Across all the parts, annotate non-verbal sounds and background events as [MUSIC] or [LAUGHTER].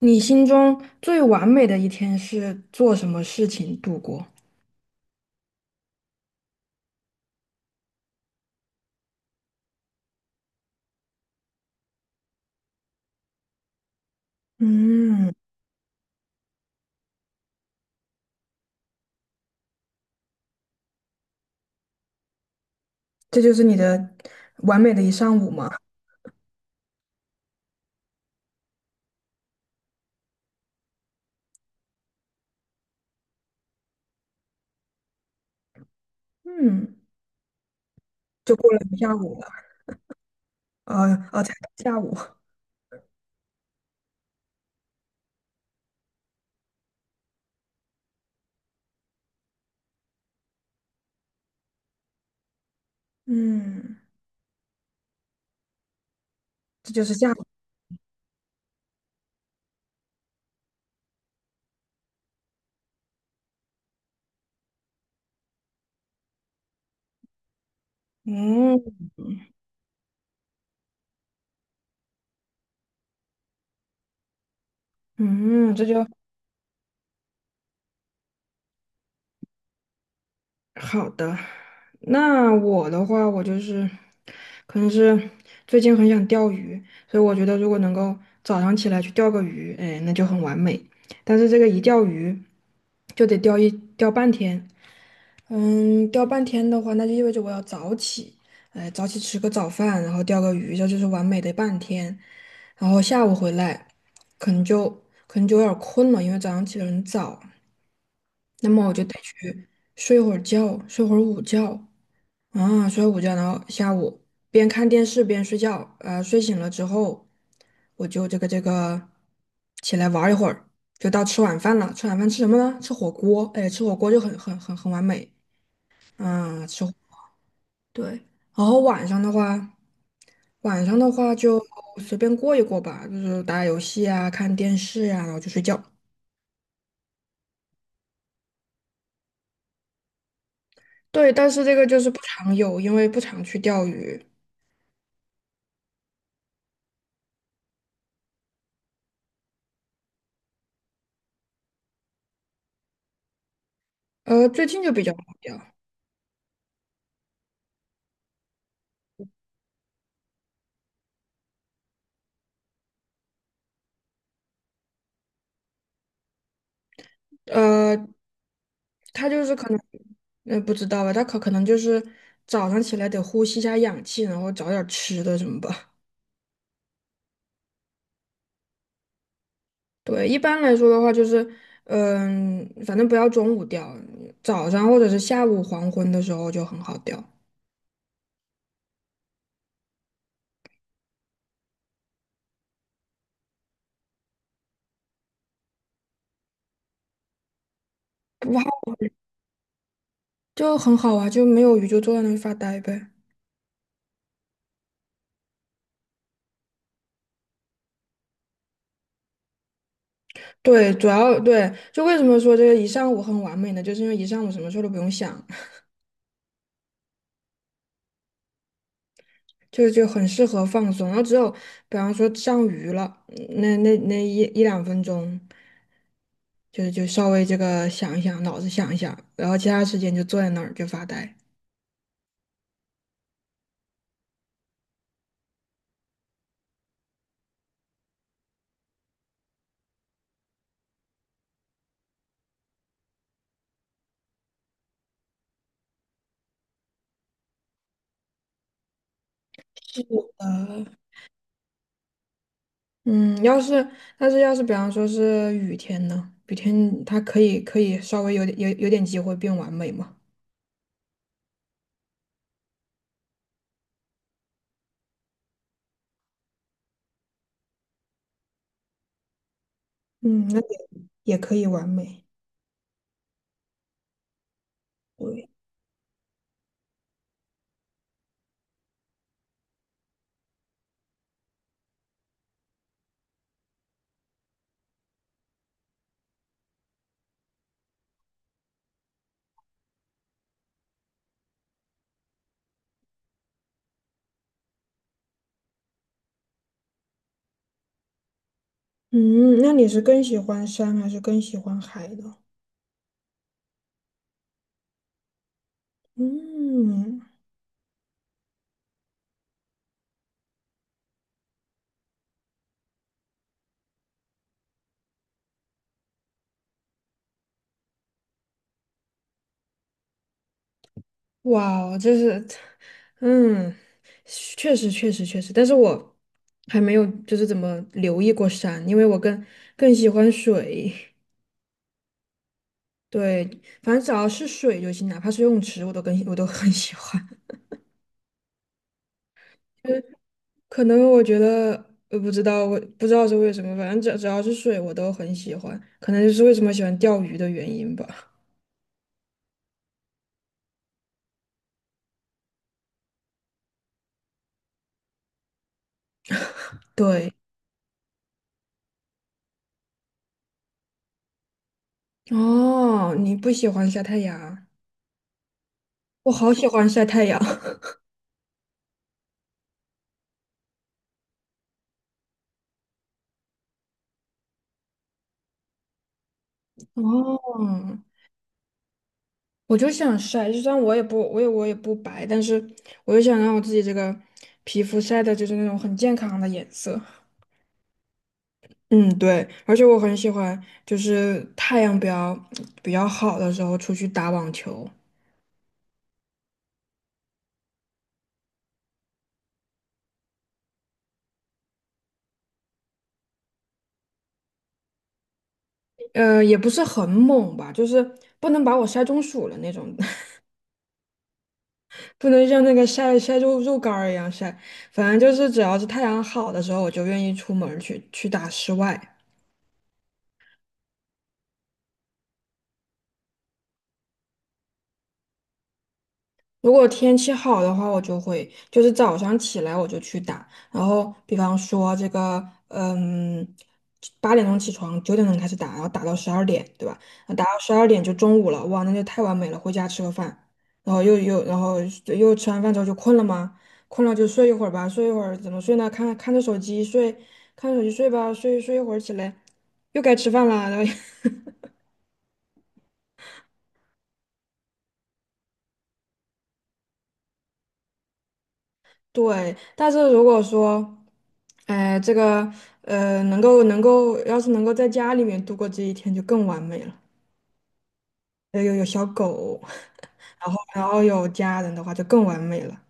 你心中最完美的一天是做什么事情度过？嗯，这就是你的完美的一上午吗？嗯，就过了一下午了，才下午。嗯，这就是下午。嗯嗯，好的。那我的话，我就是可能是最近很想钓鱼，所以我觉得如果能够早上起来去钓个鱼，哎，那就很完美。但是这个一钓鱼就得钓半天。嗯，钓半天的话，那就意味着我要早起，哎，早起吃个早饭，然后钓个鱼，这就是完美的半天。然后下午回来，可能就可能就有点儿困了，因为早上起得很早。那么我就得去睡会儿觉，睡会儿午觉啊，睡午觉，然后下午边看电视边睡觉。睡醒了之后，我就这个起来玩儿一会儿，就到吃晚饭了。吃晚饭吃什么呢？吃火锅，哎，吃火锅就很完美。啊，吃。对，然后晚上的话，晚上的话就随便过一过吧，就是打打游戏啊，看电视呀，然后就睡觉。对，但是这个就是不常有，因为不常去钓鱼。最近就比较好钓。呃，那不知道吧，他可能就是早上起来得呼吸一下氧气，然后找点儿吃的什么吧。[LAUGHS] 对，一般来说的话就是，反正不要中午钓，早上或者是下午黄昏的时候就很好钓。不好。就很好啊，就没有鱼就坐在那里发呆呗。对，主要对，就为什么说这个一上午很完美呢？就是因为一上午什么事儿都不用想，[LAUGHS] 就很适合放松。然后只有比方说上鱼了，那一两分钟，就稍微这个想一想，脑子想一想，然后其他时间就坐在那儿就发呆。呃，嗯，要是但是要是比方说是雨天呢，雨天它可以稍微有点机会变完美嘛。嗯，那也可以完美。对，嗯，那你是更喜欢山还是更喜欢海呢？嗯，哇哦，这是，嗯，确实确实确实，但是我还没有就是怎么留意过山，因为我更喜欢水。对，反正只要是水就行，哪怕是游泳池，我都很喜欢。就是可能我觉得，我不知道，我不知道是为什么，反正只要是水，我都很喜欢。可能就是为什么喜欢钓鱼的原因吧。对，哦，你不喜欢晒太阳，我好喜欢晒太阳。[LAUGHS] 哦，我就想晒，就算我也不，我也不白，但是我就想让我自己这个皮肤晒的就是那种很健康的颜色。嗯，对，而且我很喜欢，就是太阳比较好的时候出去打网球，也不是很猛吧，就是不能把我晒中暑了那种。不能像那个晒晒肉肉干儿一样晒，反正就是只要是太阳好的时候，我就愿意出门儿去打室外。如果天气好的话，我就会就是早上起来我就去打，然后比方说这个，嗯，八点钟起床，九点钟开始打，然后打到十二点，对吧？那打到十二点就中午了，哇，那就太完美了，回家吃个饭，然后又然后又吃完饭之后就困了吗？困了就睡一会儿吧，睡一会儿怎么睡呢？看着手机睡，看着手机睡吧，睡一会儿起来又该吃饭啦，然后 [LAUGHS] 对，但是如果说，哎，这个能够能够，要是能够在家里面度过这一天，就更完美了。有小狗，[LAUGHS] 然后有家人的话，就更完美了。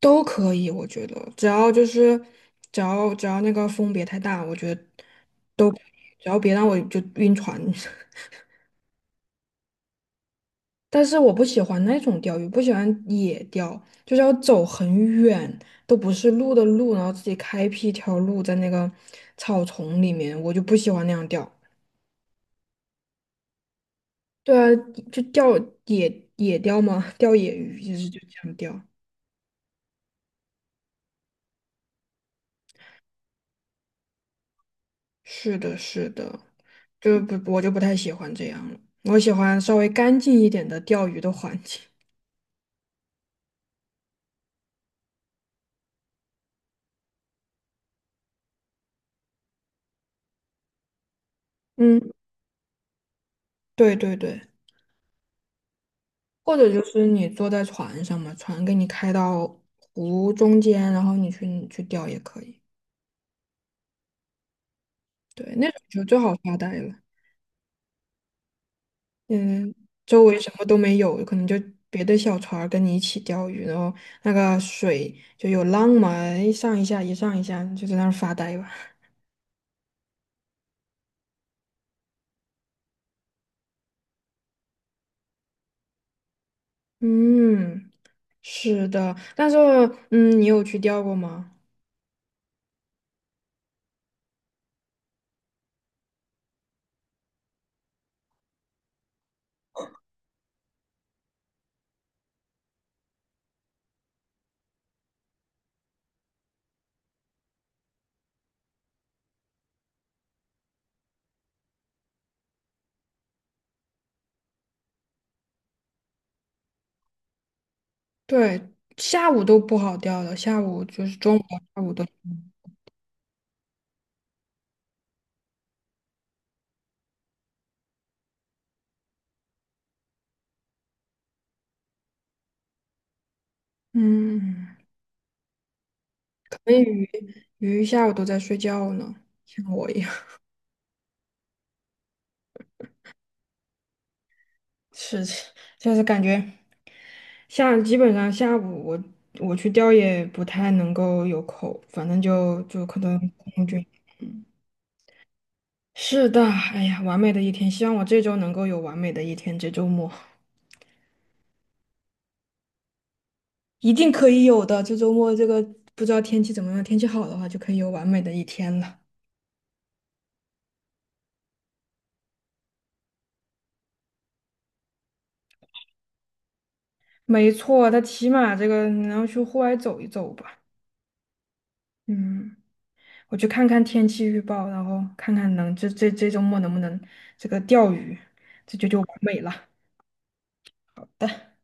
都可以，我觉得，只要就是只要只要那个风别太大，我觉得只要别让我就晕船。[LAUGHS] 但是我不喜欢那种钓鱼，不喜欢野钓，就是要走很远，都不是路的路，然后自己开辟一条路在那个草丛里面，我就不喜欢那样钓。对啊，就钓野钓嘛，[LAUGHS] 钓野鱼就是就这样钓。是的，是的，就不我就不太喜欢这样了，我喜欢稍微干净一点的钓鱼的环境。嗯，对对对。或者就是你坐在船上嘛，船给你开到湖中间，然后你去钓也可以。对，那种就最好发呆了。嗯，周围什么都没有，可能就别的小船儿跟你一起钓鱼，然后那个水就有浪嘛，一上一下，一上一下，就在那儿发呆吧。嗯，是的，但是嗯，你有去钓过吗？对，下午都不好钓了，下午就是中午到下午都，嗯。可以。鱼一下午都在睡觉呢，像我一样。[LAUGHS] 是，就是感觉基本上下午我去钓也不太能够有口，反正就可能空军。是的，哎呀，完美的一天，希望我这周能够有完美的一天，这周末一定可以有的。这周末这个不知道天气怎么样，天气好的话就可以有完美的一天了。没错，他起码这个你要去户外走一走吧。嗯。我去看看天气预报，然后看看能这这这周末能不能这个钓鱼，这就完美了。的。